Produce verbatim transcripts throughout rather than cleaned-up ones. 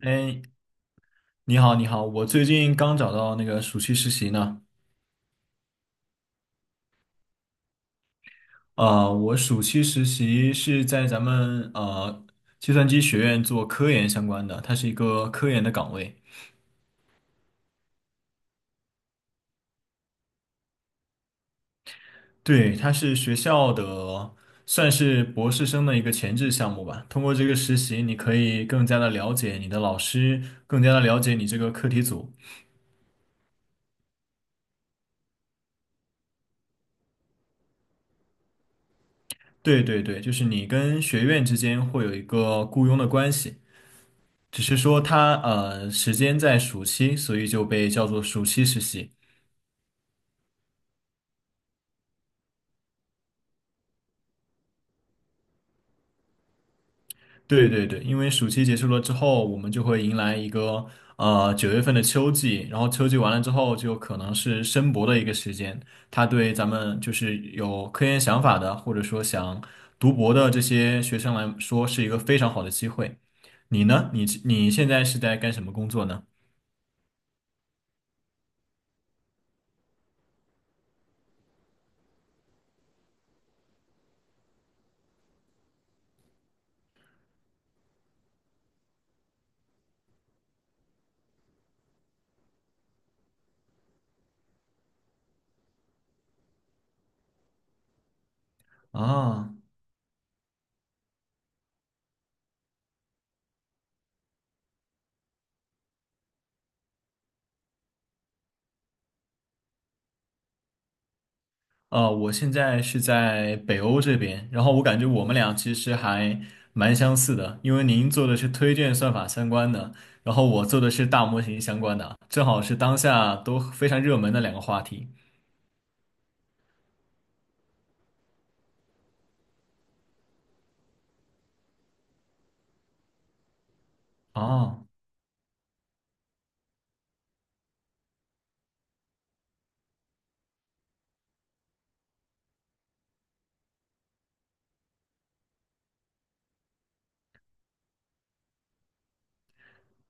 哎，你好，你好，我最近刚找到那个暑期实习呢。呃，我暑期实习是在咱们呃计算机学院做科研相关的，它是一个科研的岗位。对，它是学校的算是博士生的一个前置项目吧。通过这个实习，你可以更加的了解你的老师，更加的了解你这个课题组。对对对，就是你跟学院之间会有一个雇佣的关系。只是说他呃时间在暑期，所以就被叫做暑期实习。对对对，因为暑期结束了之后，我们就会迎来一个呃九月份的秋季，然后秋季完了之后，就可能是申博的一个时间。它对咱们就是有科研想法的，或者说想读博的这些学生来说，是一个非常好的机会。你呢？你你现在是在干什么工作呢？啊。呃，我现在是在北欧这边，然后我感觉我们俩其实还蛮相似的，因为您做的是推荐算法相关的，然后我做的是大模型相关的，正好是当下都非常热门的两个话题。啊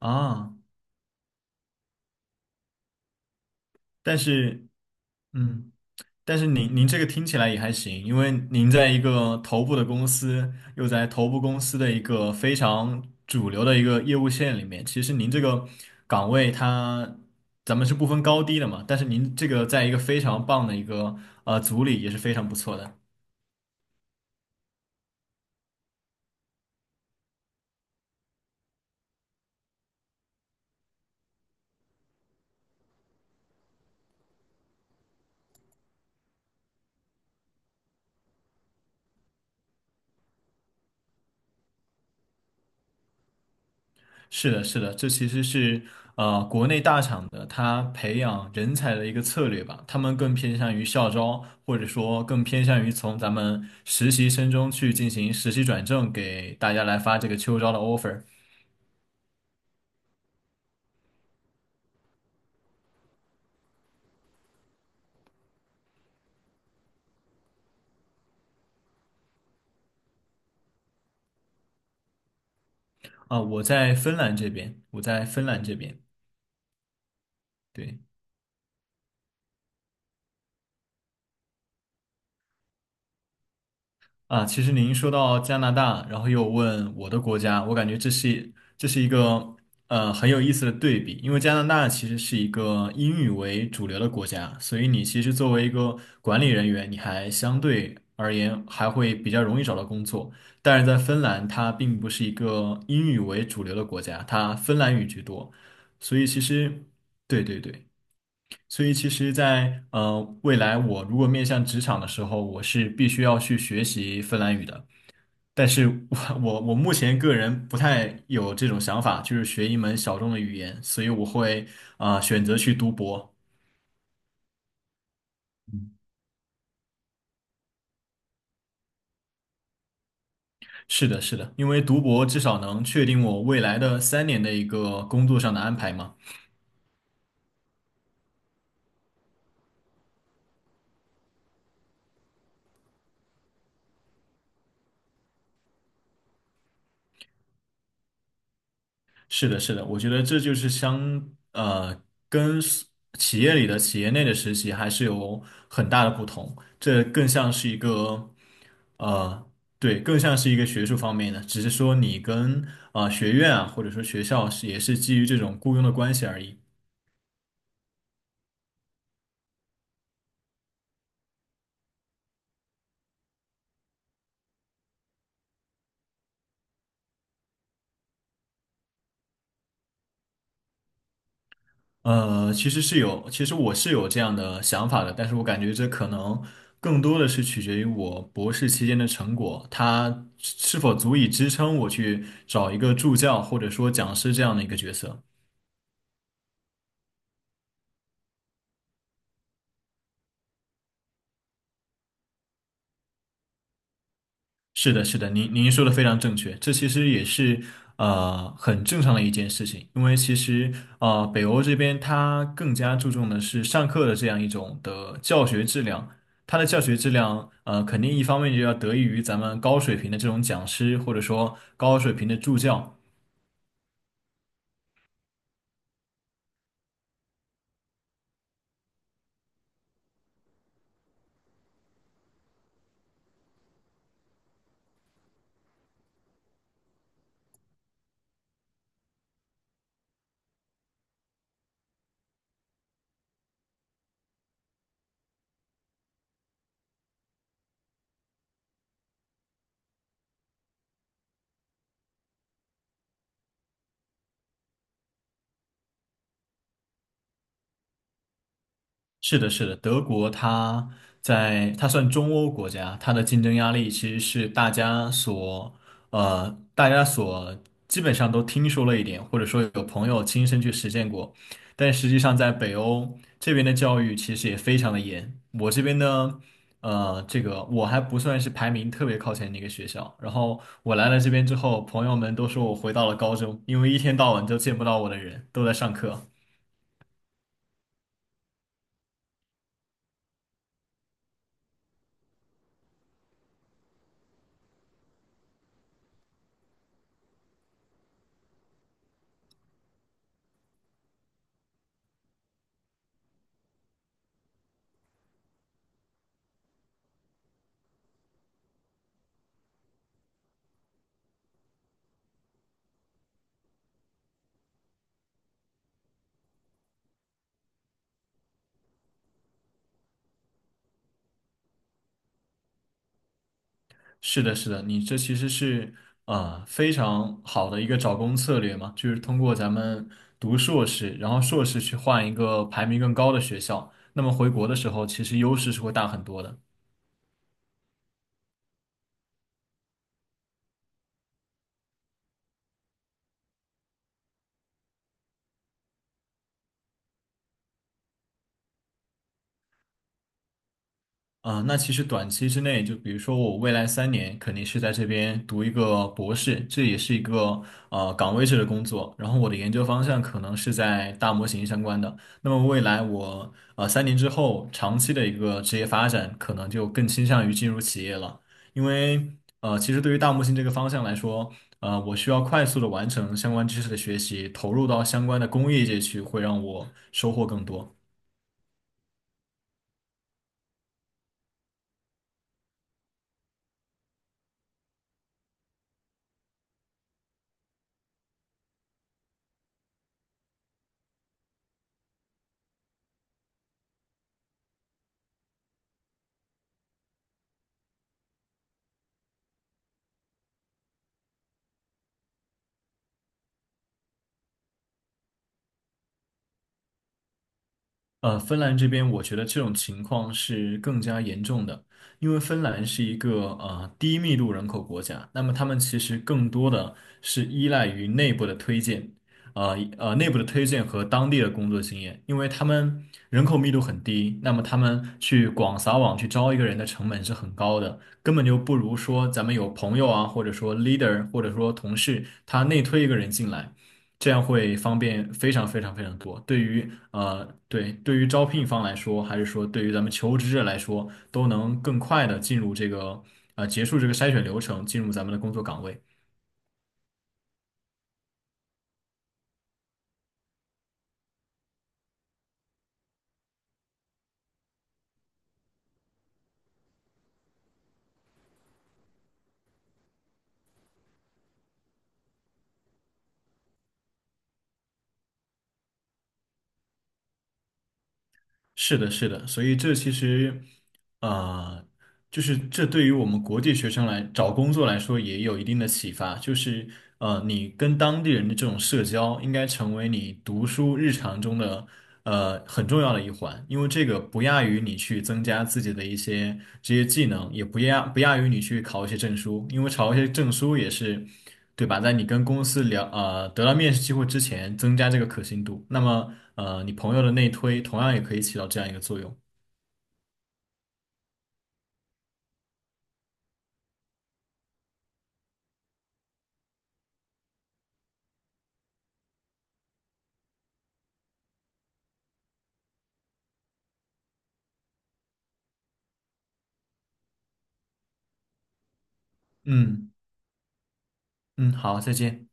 啊，但是，嗯。但是您您这个听起来也还行，因为您在一个头部的公司，又在头部公司的一个非常主流的一个业务线里面，其实您这个岗位它，咱们是不分高低的嘛，但是您这个在一个非常棒的一个呃组里也是非常不错的。是的，是的，这其实是呃国内大厂的他培养人才的一个策略吧，他们更偏向于校招，或者说更偏向于从咱们实习生中去进行实习转正，给大家来发这个秋招的 offer。 啊、我在芬兰这边，我在芬兰这边，对。啊，其实您说到加拿大，然后又问我的国家，我感觉这是这是一个呃很有意思的对比，因为加拿大其实是一个英语为主流的国家，所以你其实作为一个管理人员，你还相对而言还会比较容易找到工作。但是在芬兰，它并不是一个英语为主流的国家，它芬兰语居多，所以其实对对对。所以其实在，呃未来，我如果面向职场的时候，我是必须要去学习芬兰语的。但是我我我目前个人不太有这种想法，就是学一门小众的语言，所以我会啊、呃选择去读博。是的，是的，因为读博至少能确定我未来的三年的一个工作上的安排嘛。是的，是的，我觉得这就是相呃跟 s- 企业里的企业内的实习还是有很大的不同，这更像是一个呃对，更像是一个学术方面的，只是说你跟啊、呃学院啊或者说学校是也是基于这种雇佣的关系而已。呃，其实是有，其实我是有这样的想法的，但是我感觉这可能更多的是取决于我博士期间的成果，它是否足以支撑我去找一个助教或者说讲师这样的一个角色。是的，是的，您您说的非常正确，这其实也是呃很正常的一件事情，因为其实呃北欧这边它更加注重的是上课的这样一种的教学质量，它的教学质量呃肯定一方面就要得益于咱们高水平的这种讲师或者说高水平的助教，是的，是的，德国它在它算中欧国家，它的竞争压力其实是大家所呃大家所基本上都听说了一点，或者说有朋友亲身去实践过，但实际上在北欧这边的教育其实也非常的严。我这边呢，呃，这个我还不算是排名特别靠前的一个学校，然后我来了这边之后，朋友们都说我回到了高中，因为一天到晚都见不到我的人，都在上课。是的，是的，你这其实是呃非常好的一个找工策略嘛，就是通过咱们读硕士，然后硕士去换一个排名更高的学校，那么回国的时候其实优势是会大很多的。啊，那其实短期之内，就比如说我未来三年肯定是在这边读一个博士，这也是一个呃岗位制的工作。然后我的研究方向可能是在大模型相关的。那么未来我呃三年之后长期的一个职业发展，可能就更倾向于进入企业了，因为呃其实对于大模型这个方向来说，呃我需要快速的完成相关知识的学习，投入到相关的工业界去，会让我收获更多。呃，芬兰这边，我觉得这种情况是更加严重的，因为芬兰是一个呃低密度人口国家，那么他们其实更多的是依赖于内部的推荐，呃呃内部的推荐和当地的工作经验，因为他们人口密度很低，那么他们去广撒网去招一个人的成本是很高的，根本就不如说咱们有朋友啊，或者说 leader，或者说同事，他内推一个人进来。这样会方便非常非常非常多。对于呃，对，对于招聘方来说，还是说对于咱们求职者来说，都能更快的进入这个呃，结束这个筛选流程，进入咱们的工作岗位。是的，是的，所以这其实，呃，就是这对于我们国际学生来找工作来说也有一定的启发，就是呃，你跟当地人的这种社交应该成为你读书日常中的呃很重要的一环，因为这个不亚于你去增加自己的一些职业技能，也不亚不亚于你去考一些证书，因为考一些证书也是。对吧？在你跟公司聊，呃，得到面试机会之前，增加这个可信度。那么，呃，你朋友的内推同样也可以起到这样一个作用。嗯嗯，好，再见。